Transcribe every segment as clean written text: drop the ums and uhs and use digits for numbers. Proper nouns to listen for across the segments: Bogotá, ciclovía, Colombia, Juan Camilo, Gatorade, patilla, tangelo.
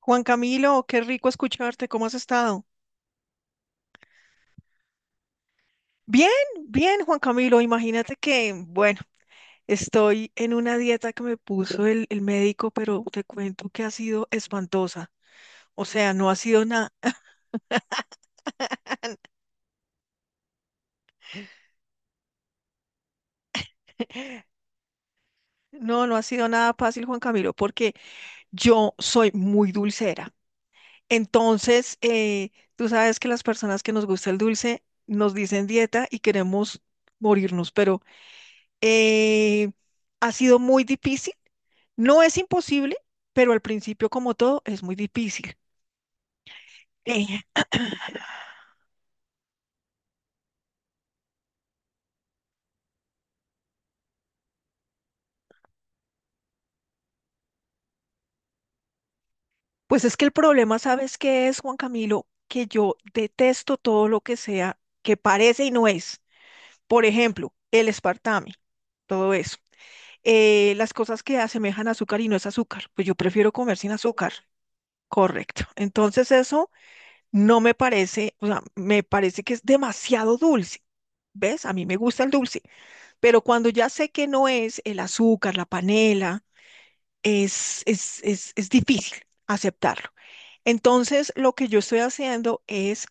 Juan Camilo, qué rico escucharte, ¿cómo has estado? Bien, bien, Juan Camilo, imagínate que, bueno, estoy en una dieta que me puso el médico, pero te cuento que ha sido espantosa. O sea, no ha sido nada, no, no ha sido nada fácil, Juan Camilo, porque yo soy muy dulcera. Entonces, tú sabes que las personas que nos gusta el dulce nos dicen dieta y queremos morirnos, pero eh, ha sido muy difícil. No es imposible, pero al principio, como todo, es muy difícil. Eh, pues es que el problema, ¿sabes qué es, Juan Camilo? Que yo detesto todo lo que sea, que parece y no es. Por ejemplo, el espartame, todo eso. Las cosas que asemejan azúcar y no es azúcar, pues yo prefiero comer sin azúcar. Correcto. Entonces eso no me parece, o sea, me parece que es demasiado dulce. ¿Ves? A mí me gusta el dulce. Pero cuando ya sé que no es el azúcar, la panela, es difícil aceptarlo. Entonces, lo que yo estoy haciendo es,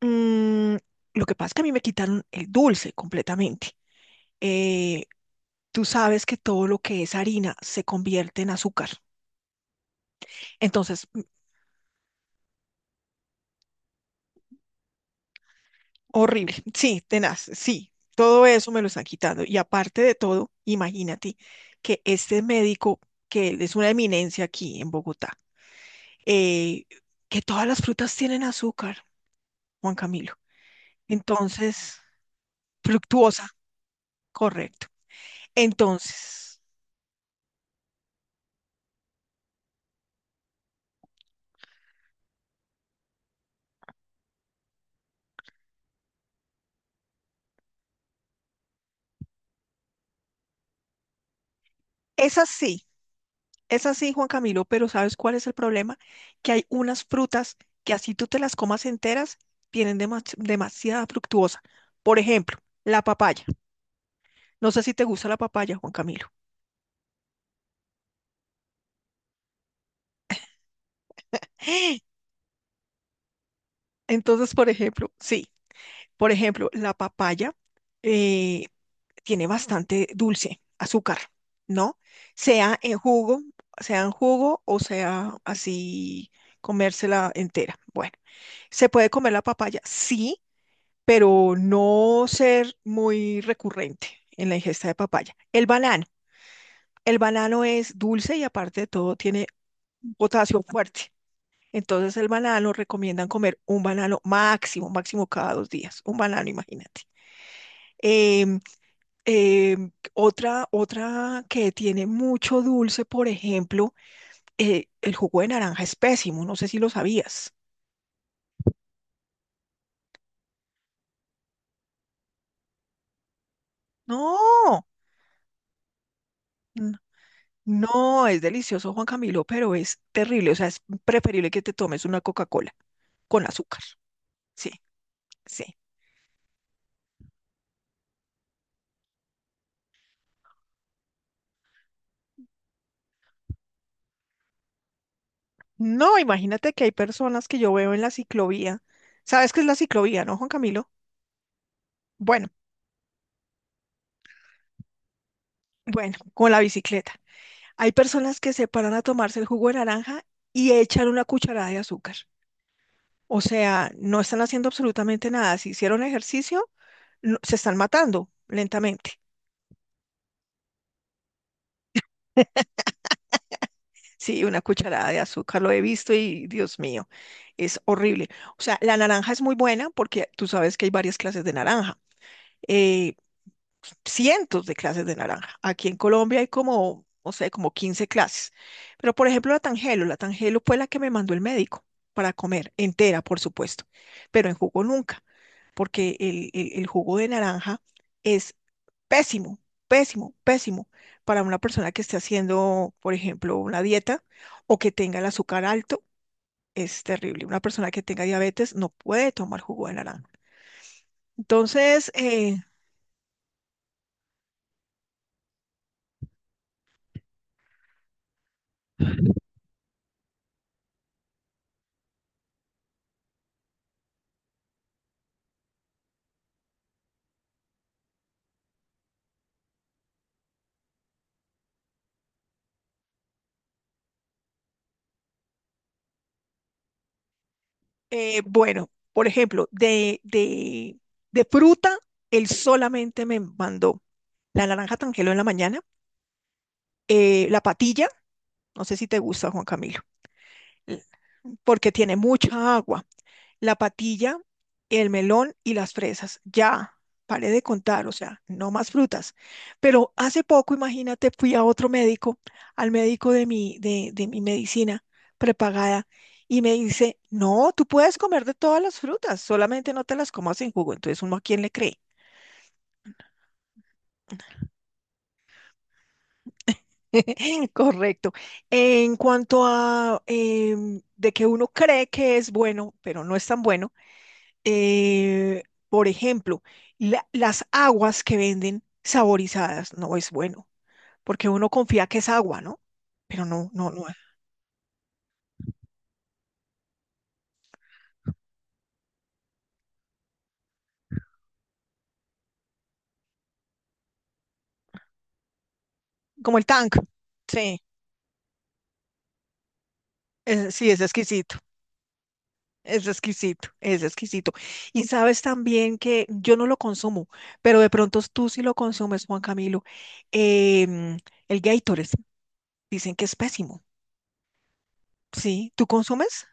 mm, lo que pasa es que a mí me quitaron el dulce completamente. Eh, Tú sabes que todo lo que es harina se convierte en azúcar. Entonces, horrible. Sí, tenaz, sí. Todo eso me lo están quitando. Y aparte de todo, imagínate que este médico, que él es una eminencia aquí en Bogotá, eh, que todas las frutas tienen azúcar, Juan Camilo. Entonces, fructuosa, correcto. Entonces, es así, es así, Juan Camilo, pero ¿sabes cuál es el problema? Que hay unas frutas que así tú te las comas enteras, tienen demasiada fructuosa. Por ejemplo, la papaya. No sé si te gusta la papaya, Juan Camilo. Entonces, por ejemplo, sí, por ejemplo, la papaya eh, tiene bastante dulce, azúcar, ¿no? Sea en jugo, sea en jugo o sea así comérsela entera. Bueno, ¿se puede comer la papaya? Sí, pero no ser muy recurrente en la ingesta de papaya. El banano es dulce y aparte de todo tiene un potasio fuerte. Entonces el banano recomiendan comer un banano máximo, máximo cada dos días, un banano, imagínate. Em, Eh, otra que tiene mucho dulce, por ejemplo, el jugo de naranja es pésimo, no sé si lo sabías. No, n- no, es delicioso, Juan Camilo, pero es terrible, o sea, es preferible que te tomes una Coca-Cola con azúcar. Sí, sí. No, imagínate que hay personas que yo veo en la ciclovía. ¿Sabes qué es la ciclovía, no, Juan Camilo? Bueno, bueno, con la bicicleta. Hay personas que se paran a tomarse el jugo de naranja y echan una cucharada de azúcar. O sea, no están haciendo absolutamente nada. Si hicieron ejercicio, se están matando lentamente. Sí, una cucharada de azúcar lo he visto y Dios mío, es horrible. O sea, la naranja es muy buena porque tú sabes que hay varias clases de naranja, eh, cientos de clases de naranja. Aquí en Colombia hay como, no sé, como 15 clases. Pero por ejemplo, la tangelo fue la que me mandó el médico para comer, entera, por supuesto, pero en jugo nunca, porque el jugo de naranja... es pésimo, pésimo, pésimo para una persona que esté haciendo, por ejemplo, una dieta o que tenga el azúcar alto. Es terrible. Una persona que tenga diabetes no puede tomar jugo de naranja. Entonces, bueno, por ejemplo, de fruta, él solamente me mandó la naranja tangelo en la mañana, la patilla, no sé si te gusta, Juan Camilo, eh, porque tiene mucha agua. La patilla, el melón y las fresas. Ya, paré de contar, o sea, no más frutas. Pero hace poco, imagínate, fui a otro médico, al médico de mi, de mi medicina prepagada, y me dice, no, tú puedes comer de todas las frutas, solamente no te las comas en jugo. Entonces, ¿uno a quién le cree? Correcto. En cuanto a de que uno cree que es bueno, pero no es tan bueno, Eh, por ejemplo, las aguas que venden saborizadas no es bueno, porque uno confía que es agua, ¿no? Pero no, no, no. Como el tank. Sí, sí, es exquisito. Es exquisito, es exquisito. Y sabes también que yo no lo consumo, pero de pronto tú sí lo consumes, Juan Camilo. em, el Gatorade, dicen que es pésimo. Sí, ¿tú consumes?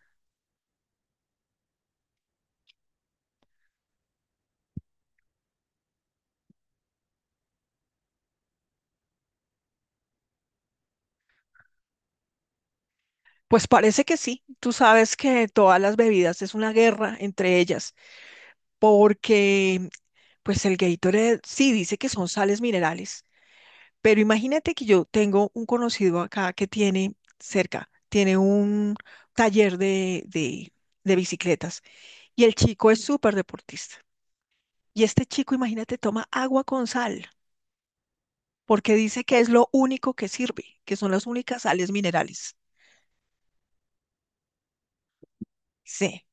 Pues parece que sí. Tú sabes que todas las bebidas es una guerra entre ellas, porque pues el Gatorade sí dice que son sales minerales, pero imagínate que yo tengo un conocido acá que tiene cerca, tiene un taller de bicicletas y el chico es súper deportista. Y este chico, imagínate, toma agua con sal, porque dice que es lo único que sirve, que son las únicas sales minerales. Sí.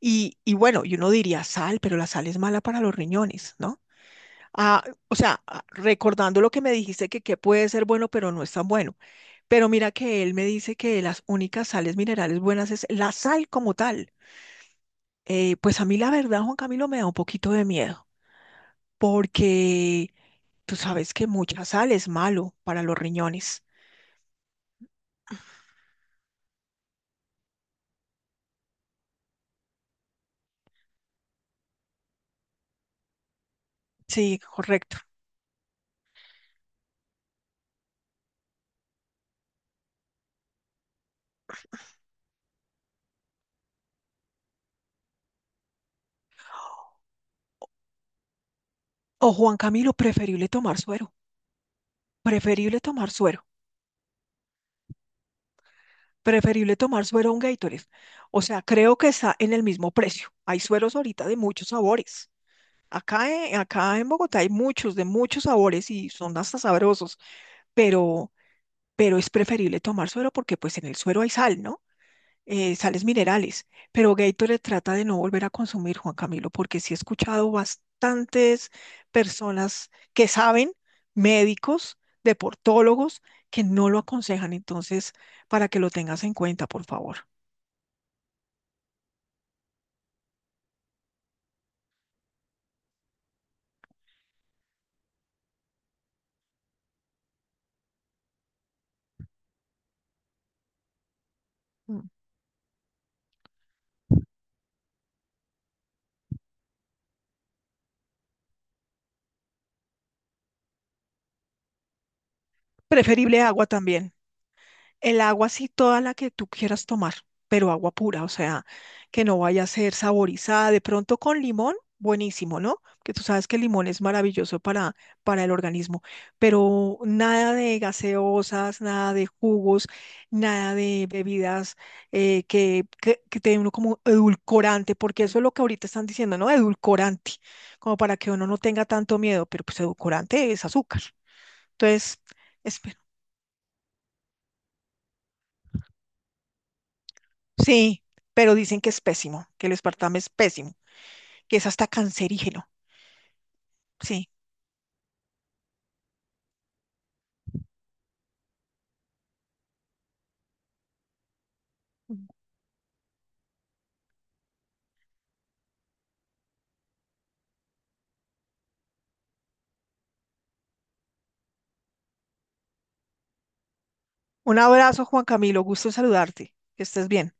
Y bueno, y uno diría sal, pero la sal es mala para los riñones, ¿no? Ah, o sea, ah, recordando lo que me dijiste que puede ser bueno, pero no es tan bueno. Pero mira que él me dice que las únicas sales minerales buenas es la sal como tal. Pues a mí la verdad, Juan Camilo, me da un poquito de miedo, porque tú sabes que mucha sal es malo para los riñones. Sí, correcto. O Juan Camilo, preferible tomar suero. Preferible tomar suero. Preferible tomar suero a un Gatorade. O sea, creo que está en el mismo precio. Hay sueros ahorita de muchos sabores. Acá, acá en Bogotá hay muchos, de muchos sabores y son hasta sabrosos, pero, pero es preferible tomar suero porque pues en el suero hay sal, ¿no? Sales minerales. Pero Gatorade trata de no volver a consumir, Juan Camilo, porque sí he escuchado bastantes personas que saben, médicos, deportólogos, que no lo aconsejan. Entonces, para que lo tengas en cuenta, por favor. Mm. Preferible agua también. El agua sí toda la que tú quieras tomar, pero agua pura, o sea, que no vaya a ser saborizada. De pronto con limón, buenísimo, ¿no? Que tú sabes que el limón es maravilloso para el organismo, pero nada de gaseosas, nada de jugos, nada de bebidas que te den uno como edulcorante, porque eso es lo que ahorita están diciendo, ¿no? Edulcorante, como para que uno no tenga tanto miedo, pero pues edulcorante es azúcar. Entonces, espera. Sí, pero dicen que es pésimo, que el espartame es pésimo, que es hasta cancerígeno. Sí. Un abrazo, Juan Camilo, gusto en saludarte. Que estés bien.